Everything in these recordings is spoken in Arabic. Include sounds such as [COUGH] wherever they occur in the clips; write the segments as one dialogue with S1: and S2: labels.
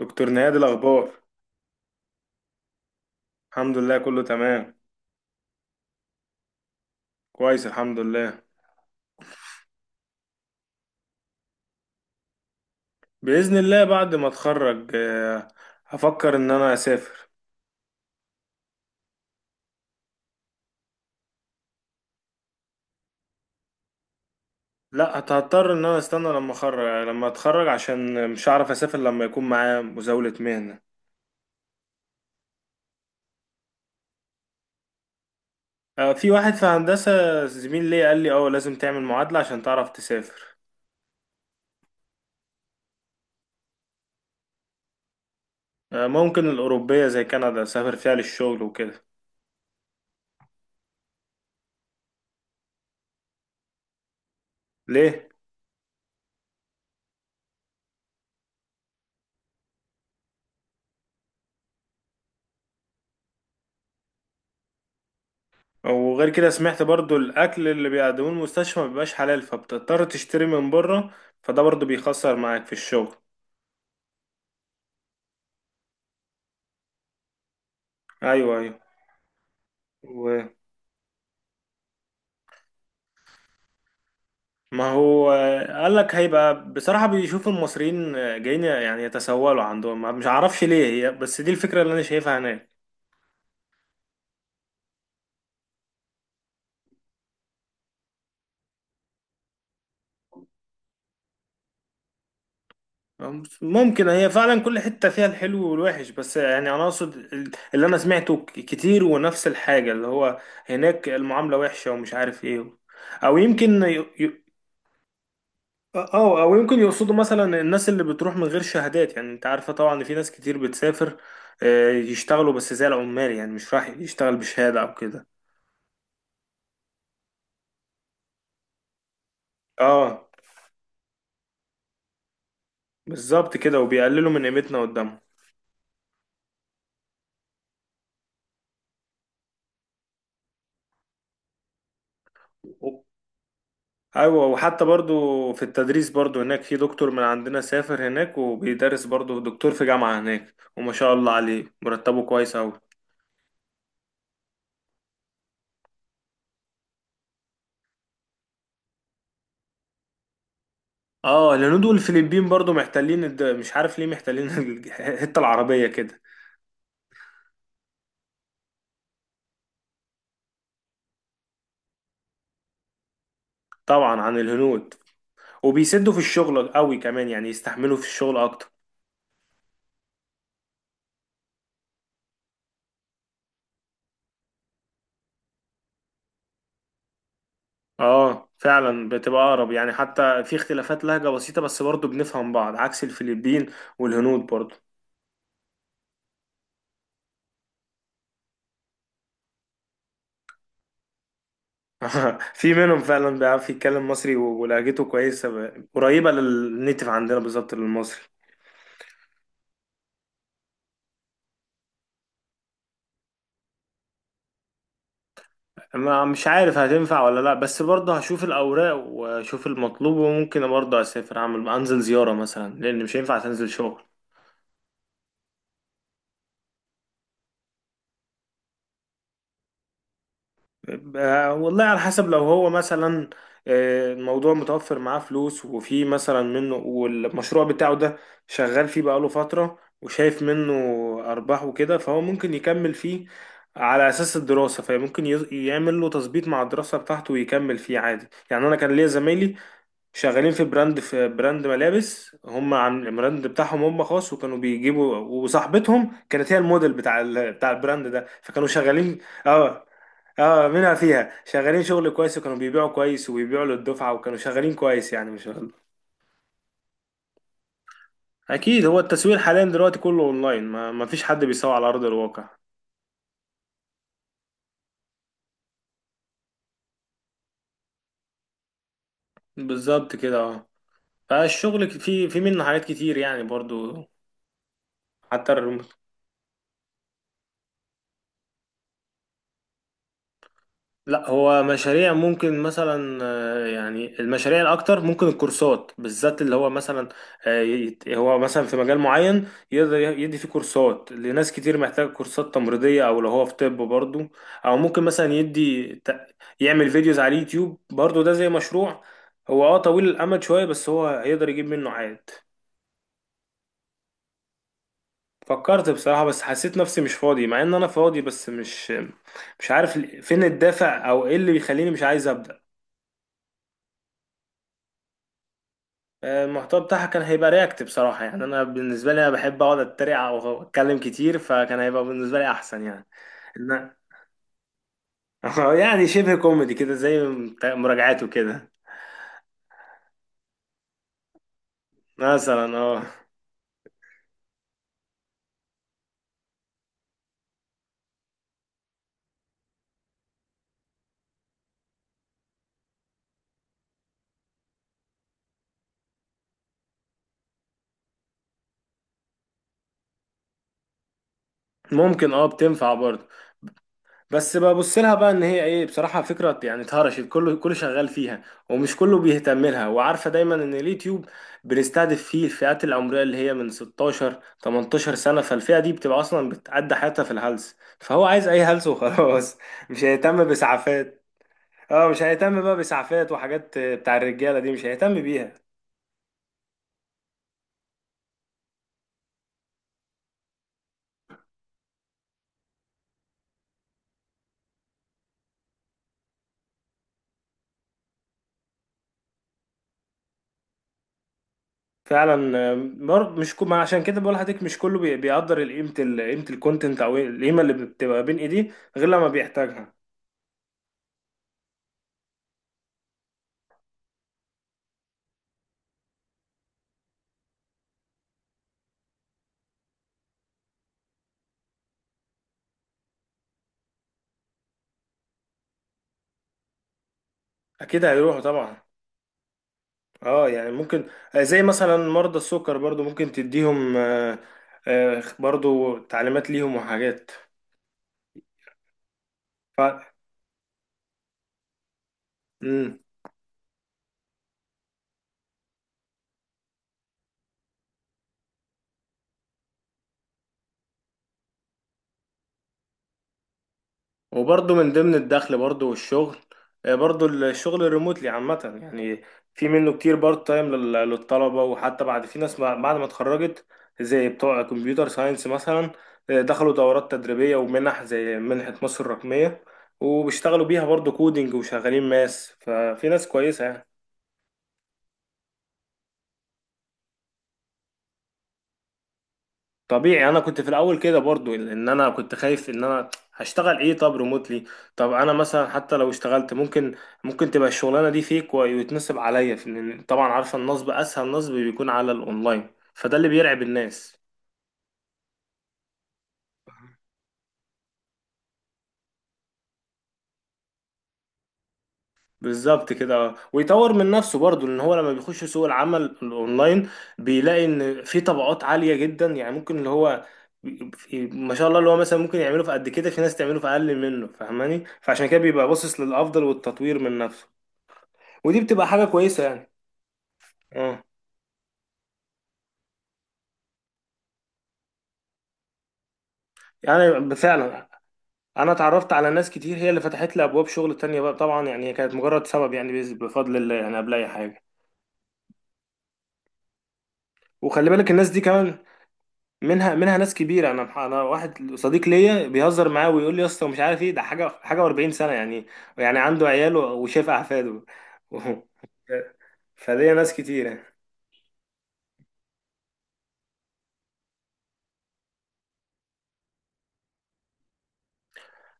S1: دكتور نهاد الأخبار. الحمد لله كله تمام. كويس الحمد لله. بإذن الله بعد ما أتخرج، هفكر إن أنا أسافر. لا هضطر إن أنا أستنى لما أخرج لما أتخرج، عشان مش هعرف أسافر لما يكون معايا مزاولة مهنة. في واحد في هندسة زميل ليا قال لي أه لازم تعمل معادلة عشان تعرف تسافر. ممكن الأوروبية زي كندا أسافر فيها للشغل وكده. ليه؟ وغير كده سمعت برضو الاكل اللي بيقدموه المستشفى ما بيبقاش حلال، فبتضطر تشتري من بره، فده برضو بيخسر معاك في الشغل. ايوه ايوه. و- ما هو قال لك هيبقى بصراحة بيشوف المصريين جايين يعني يتسولوا عندهم، مش عارفش ليه هي، بس دي الفكرة اللي انا شايفها هناك. ممكن هي فعلا كل حتة فيها الحلو والوحش، بس يعني انا اقصد اللي انا سمعته كتير ونفس الحاجة، اللي هو هناك المعاملة وحشة ومش عارف ايه، او يمكن. اه او يمكن يقصدوا مثلا الناس اللي بتروح من غير شهادات، يعني انت عارفه طبعا ان في ناس كتير بتسافر يشتغلوا بس زي العمال، يعني مش راح يشتغل بشهاده او كده. اه بالظبط كده، وبيقللوا من قيمتنا قدامهم. و- ايوه وحتى برضو في التدريس برضو هناك في دكتور من عندنا سافر هناك وبيدرس برضو دكتور في جامعه هناك، وما شاء الله عليه مرتبه كويس اوي. اه الهنود والفلبين برضو محتلين مش عارف ليه محتلين [LAUGHS] الحته العربيه كده. طبعا عن الهنود. وبيسدوا في الشغل قوي كمان، يعني يستحملوا في الشغل اكتر. اه فعلا بتبقى اقرب، يعني حتى في اختلافات لهجة بسيطة بس برضه بنفهم بعض، عكس الفلبين والهنود برضه. [LAUGHS] في منهم فعلا بيعرف يتكلم مصري ولهجته كويسة، قريبة للنيتف عندنا بالظبط للمصري. ما مش عارف هتنفع ولا لا، بس برضه هشوف الأوراق واشوف المطلوب، وممكن برضه اسافر اعمل انزل زيارة مثلا، لان مش هينفع تنزل شغل. والله على حسب، لو هو مثلا الموضوع متوفر معاه فلوس، وفي مثلا منه والمشروع بتاعه ده شغال فيه بقاله فترة وشايف منه أرباح وكده، فهو ممكن يكمل فيه على أساس الدراسة، فممكن يعمل له تظبيط مع الدراسة بتاعته ويكمل فيه عادي. يعني أنا كان ليا زمايلي شغالين في براند، في براند ملابس هم، عن البراند بتاعهم هم خاص، وكانوا بيجيبوا، وصاحبتهم كانت هي الموديل بتاع بتاع البراند ده، فكانوا شغالين. اه اه منها فيها شغالين شغل كويس، وكانوا بيبيعوا كويس وبيبيعوا للدفعة، وكانوا شغالين كويس يعني، مش غلط. اكيد هو التسويق حاليا دلوقتي كله اونلاين، ما فيش حد بيسوق على ارض الواقع. بالظبط كده اه. فالشغل في منه حاجات كتير يعني برضو. حتى لا هو مشاريع ممكن مثلا يعني المشاريع الاكتر ممكن الكورسات بالذات، اللي هو مثلا هو مثلا في مجال معين يقدر يدي فيه كورسات لناس كتير محتاجه كورسات تمريضيه، او لو هو في طب برضه. او ممكن مثلا يعمل فيديوز على اليوتيوب برضه، ده زي مشروع هو اه طويل الامد شويه، بس هو هيقدر يجيب منه عائد. فكرت بصراحه، بس حسيت نفسي مش فاضي، مع ان انا فاضي، بس مش عارف فين الدافع او ايه اللي بيخليني مش عايز ابدا. المحتوى بتاعها كان هيبقى رياكت بصراحة، يعني أنا بالنسبة لي أنا بحب أقعد أتريق أو أتكلم كتير، فكان هيبقى بالنسبة لي أحسن يعني. إن [LAUGHS] يعني شبه كوميدي كده، زي مراجعاته كده. مثلا اه. ممكن اه بتنفع برضه. بس ببص لها بقى ان هي ايه، بصراحه فكره، يعني اتهرشت كله كله شغال فيها، ومش كله بيهتم لها، وعارفه دايما ان اليوتيوب بنستهدف فيه الفئات العمريه اللي هي من 16 18 سنه، فالفئه دي بتبقى اصلا بتعدي حياتها في الهلس، فهو عايز اي هلس وخلاص، [LAUGHS] مش هيهتم باسعافات. اه مش هيهتم بقى باسعافات، وحاجات بتاع الرجاله دي مش هيهتم بيها. فعلا مش كو... ما عشان كده بقول لحضرتك مش كله بيقدر قيمه قيمه الكونتنت، او القيمه اللي بتبقى بين ايديه غير لما بيحتاجها. اكيد هيروحوا طبعا. اه يعني ممكن، زي مثلا مرضى السكر برضو ممكن تديهم برضو تعليمات ليهم وحاجات. ف مم. وبرضو من ضمن الدخل برضو والشغل، برضو الشغل الريموتلي عامة يعني، في منه كتير بارت تايم للطلبة. وحتى بعد، في ناس بعد ما اتخرجت زي بتوع كمبيوتر ساينس مثلا، دخلوا دورات تدريبية ومنح زي منحة مصر الرقمية، وبيشتغلوا بيها برضو كودينج، وشغالين ماس، ففي ناس كويسة يعني. طبيعي انا كنت في الاول كده برضو، ان انا كنت خايف ان انا هشتغل ايه، طب ريموتلي، طب انا مثلا حتى لو اشتغلت ممكن تبقى الشغلانه دي فيك ويتنصب عليا في، لأن طبعا عارفه النصب اسهل نصب بيكون على الاونلاين، فده اللي بيرعب الناس. بالظبط كده ويطور من نفسه برضو، ان هو لما بيخش سوق العمل الاونلاين بيلاقي ان في طبقات عاليه جدا، يعني ممكن اللي هو ما شاء الله اللي هو مثلا ممكن يعمله في قد كده، في ناس تعمله في اقل منه فاهماني، فعشان كده بيبقى باصص للافضل والتطوير من نفسه، ودي بتبقى حاجة كويسة يعني. اه يعني فعلا انا اتعرفت على ناس كتير، هي اللي فتحت لي ابواب شغل تانية بقى طبعا، يعني هي كانت مجرد سبب، يعني بفضل الله يعني قبل اي حاجة. وخلي بالك الناس دي كمان منها منها ناس كبيرة، انا انا واحد صديق ليا بيهزر معاه ويقول لي يا اسطى مش عارف ايه ده، حاجة حاجة و40 سنة يعني، يعني عنده عياله وشايف احفاده. [LAUGHS] فليا ناس كتير.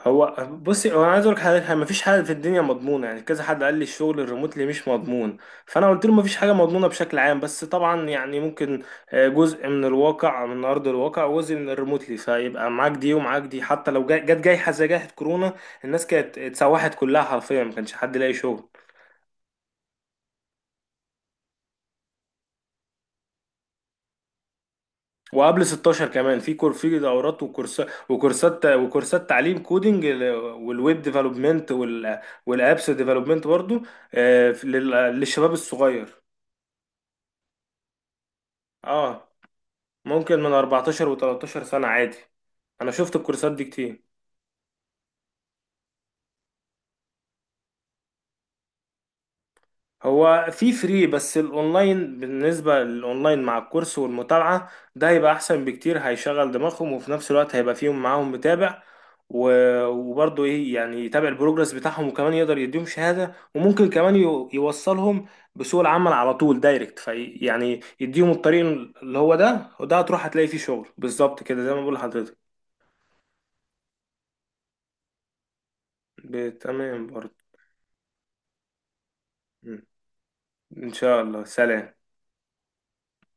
S1: هو بصي هو انا عايز اقول لك حاجه، يعني مفيش حاجه في الدنيا مضمونه، يعني كذا حد قال لي الشغل الريموتلي مش مضمون، فانا قلت له مفيش حاجه مضمونه بشكل عام، بس طبعا يعني ممكن جزء من الواقع من ارض الواقع، وجزء من الريموتلي، فيبقى معاك دي ومعاك دي، حتى لو جت جايحه زي جائحه كورونا، الناس كانت اتسوحت كلها حرفيا، ما كانش حد لاقي شغل. وقبل 16 كمان في دورات وكورسات تعليم كودينج، والويب ديفلوبمنت، والابس ديفلوبمنت برضو للشباب الصغير. اه ممكن من 14 و13 سنة عادي، انا شفت الكورسات دي كتير. هو في فري، بس الاونلاين بالنسبة للاونلاين مع الكورس والمتابعة ده هيبقى احسن بكتير، هيشغل دماغهم وفي نفس الوقت هيبقى فيهم معاهم متابع، وبرضه ايه يعني يتابع البروجرس بتاعهم، وكمان يقدر يديهم شهادة، وممكن كمان يوصلهم بسوق العمل على طول دايركت، في يعني يديهم الطريق اللي هو ده، وده هتروح هتلاقي فيه شغل بالظبط كده زي ما بقول لحضرتك. تمام برضه. إن شاء الله سلام.